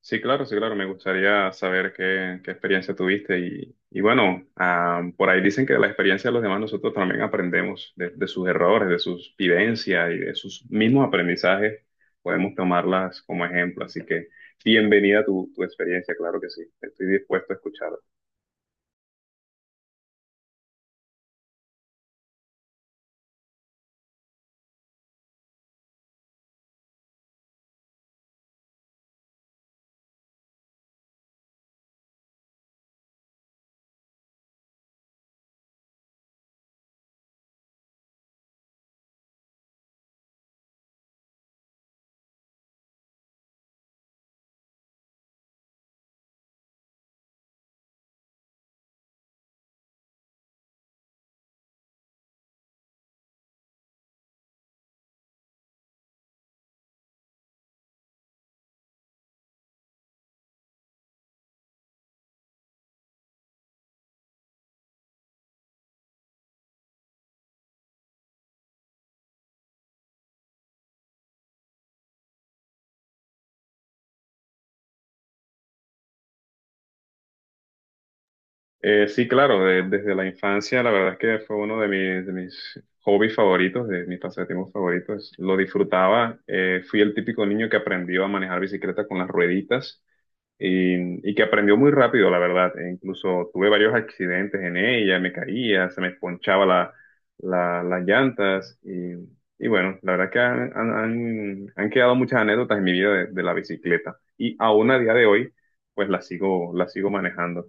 Sí, claro, sí, claro. Me gustaría saber qué experiencia tuviste. Y bueno, por ahí dicen que de la experiencia de los demás nosotros también aprendemos de sus errores, de sus vivencias y de sus mismos aprendizajes. Podemos tomarlas como ejemplo. Así que bienvenida tu experiencia, claro que sí. Estoy dispuesto a escuchar. Sí, claro, desde la infancia la verdad es que fue uno de de mis hobbies favoritos, de mis pasatiempos favoritos. Lo disfrutaba. Fui el típico niño que aprendió a manejar bicicleta con las rueditas y que aprendió muy rápido, la verdad. E incluso tuve varios accidentes en ella, me caía, se me ponchaba las llantas y bueno, la verdad que han quedado muchas anécdotas en mi vida de la bicicleta y aún a día de hoy, pues la sigo manejando.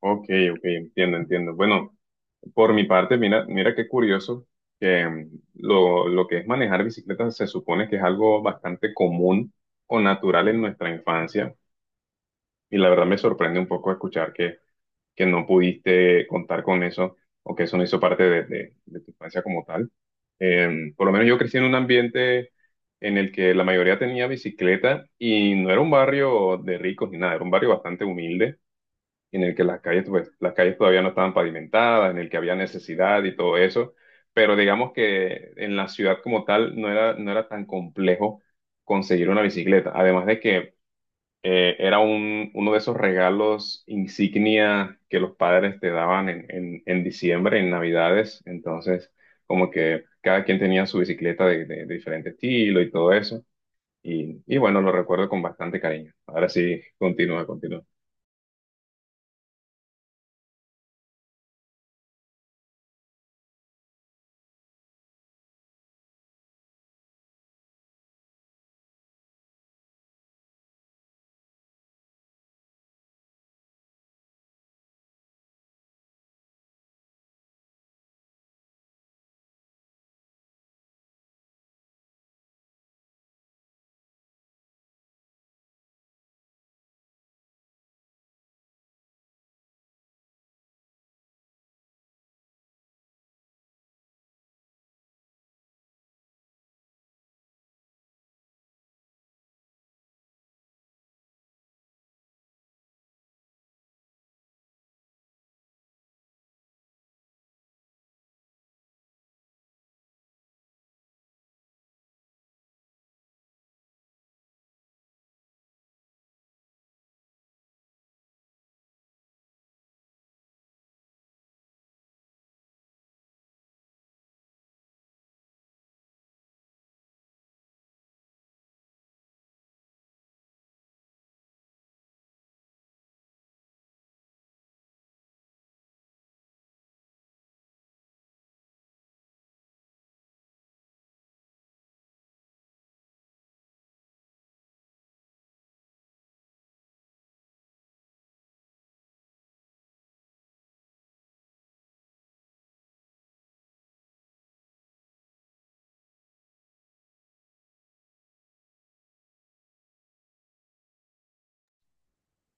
Ok, ok, entiendo, entiendo. Bueno, por mi parte, mira, mira qué curioso que lo que es manejar bicicleta se supone que es algo bastante común o natural en nuestra infancia. Y la verdad me sorprende un poco escuchar que no pudiste contar con eso o que eso no hizo parte de, de tu infancia como tal. Por lo menos yo crecí en un ambiente en el que la mayoría tenía bicicleta y no era un barrio de ricos ni nada, era un barrio bastante humilde en el que las calles, pues, las calles todavía no estaban pavimentadas, en el que había necesidad y todo eso. Pero digamos que en la ciudad como tal no era, no era tan complejo conseguir una bicicleta. Además de que era uno de esos regalos insignia que los padres te daban en diciembre, en Navidades. Entonces, como que cada quien tenía su bicicleta de, de diferente estilo y todo eso. Y bueno, lo recuerdo con bastante cariño. Ahora sí, continúa, continúa.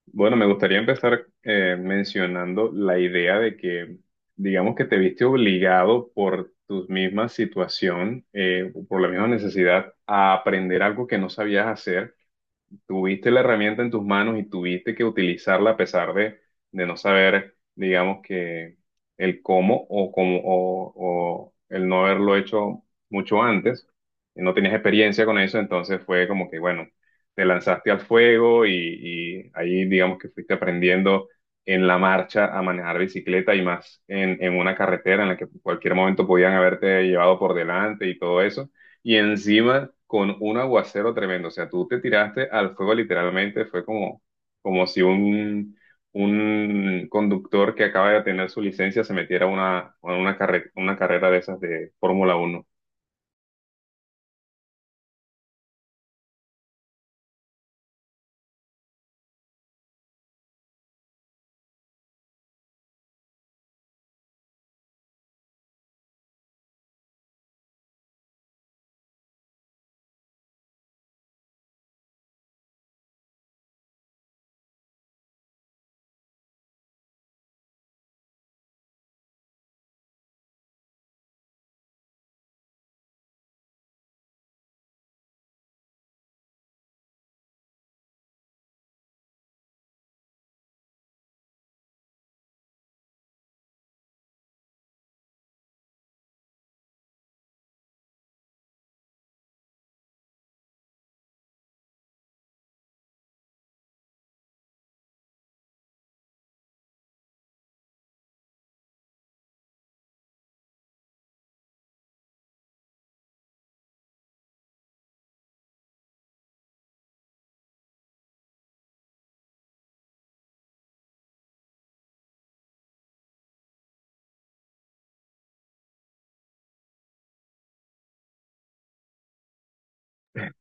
Bueno, me gustaría empezar mencionando la idea de que, digamos que te viste obligado por tu misma situación, por la misma necesidad, a aprender algo que no sabías hacer, tuviste la herramienta en tus manos y tuviste que utilizarla a pesar de no saber, digamos que el cómo o cómo o el no haberlo hecho mucho antes, y no tenías experiencia con eso, entonces fue como que, bueno, te lanzaste al fuego y ahí digamos que fuiste aprendiendo en la marcha a manejar bicicleta y más en una carretera en la que en cualquier momento podían haberte llevado por delante y todo eso y encima con un aguacero tremendo. O sea, tú te tiraste al fuego literalmente, fue como, como si un, un conductor que acaba de tener su licencia se metiera a una, una carrera de esas de Fórmula Uno.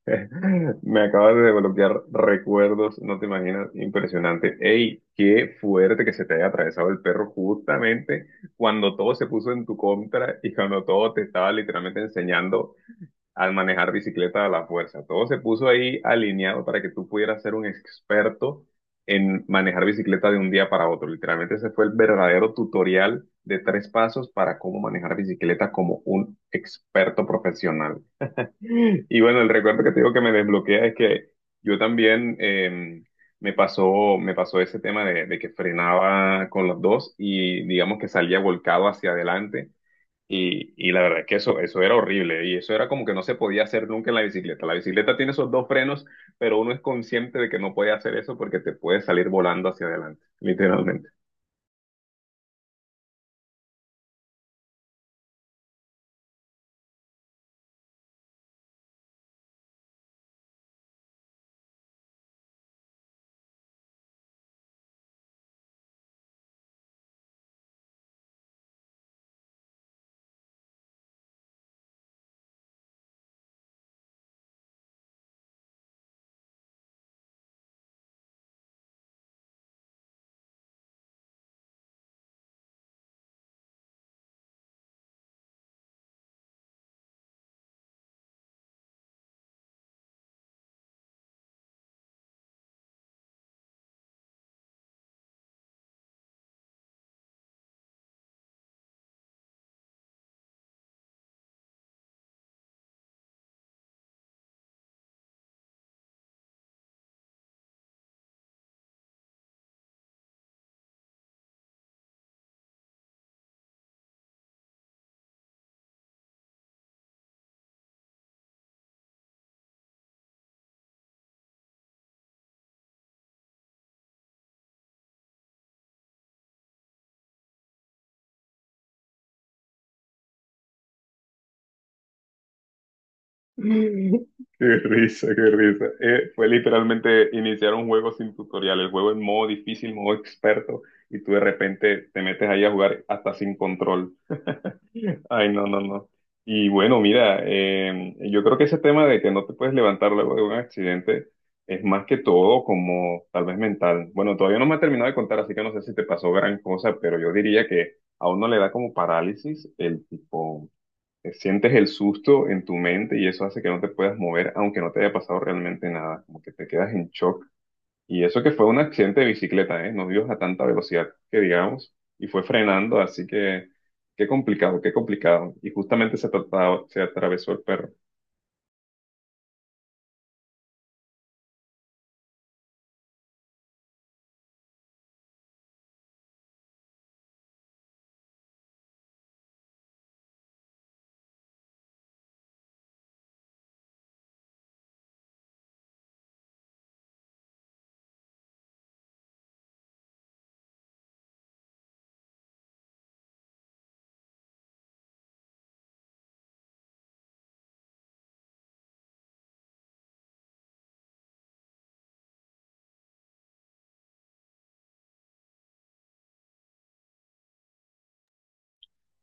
Me acabas de desbloquear recuerdos, no te imaginas, impresionante. ¡Ey, qué fuerte que se te haya atravesado el perro justamente cuando todo se puso en tu contra y cuando todo te estaba literalmente enseñando al manejar bicicleta a la fuerza! Todo se puso ahí alineado para que tú pudieras ser un experto en manejar bicicleta de un día para otro. Literalmente ese fue el verdadero tutorial de tres pasos para cómo manejar bicicleta como un experto profesional. Y bueno, el recuerdo que te digo que me desbloquea es que yo también me pasó ese tema de que frenaba con los dos y digamos que salía volcado hacia adelante y la verdad es que eso era horrible y eso era como que no se podía hacer nunca en la bicicleta. La bicicleta tiene esos dos frenos, pero uno es consciente de que no puede hacer eso porque te puede salir volando hacia adelante, literalmente. Qué risa, qué risa. Fue literalmente iniciar un juego sin tutorial, el juego en modo difícil, modo experto, y tú de repente te metes ahí a jugar hasta sin control. Ay, no, no, no. Y bueno, mira, yo creo que ese tema de que no te puedes levantar luego de un accidente es más que todo como tal vez mental. Bueno, todavía no me ha terminado de contar, así que no sé si te pasó gran cosa, pero yo diría que a uno le da como parálisis el tipo, sientes el susto en tu mente y eso hace que no te puedas mover, aunque no te haya pasado realmente nada, como que te quedas en shock y eso que fue un accidente de bicicleta, ¿eh? No ibas a tanta velocidad que digamos, y fue frenando, así que qué complicado, qué complicado. Y justamente se atravesó el perro.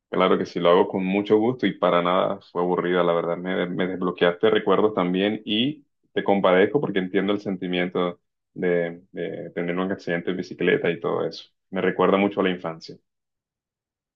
Claro que sí, lo hago con mucho gusto y para nada fue aburrida, la verdad. Me desbloqueaste recuerdos también y te compadezco porque entiendo el sentimiento de tener un accidente de bicicleta y todo eso. Me recuerda mucho a la infancia.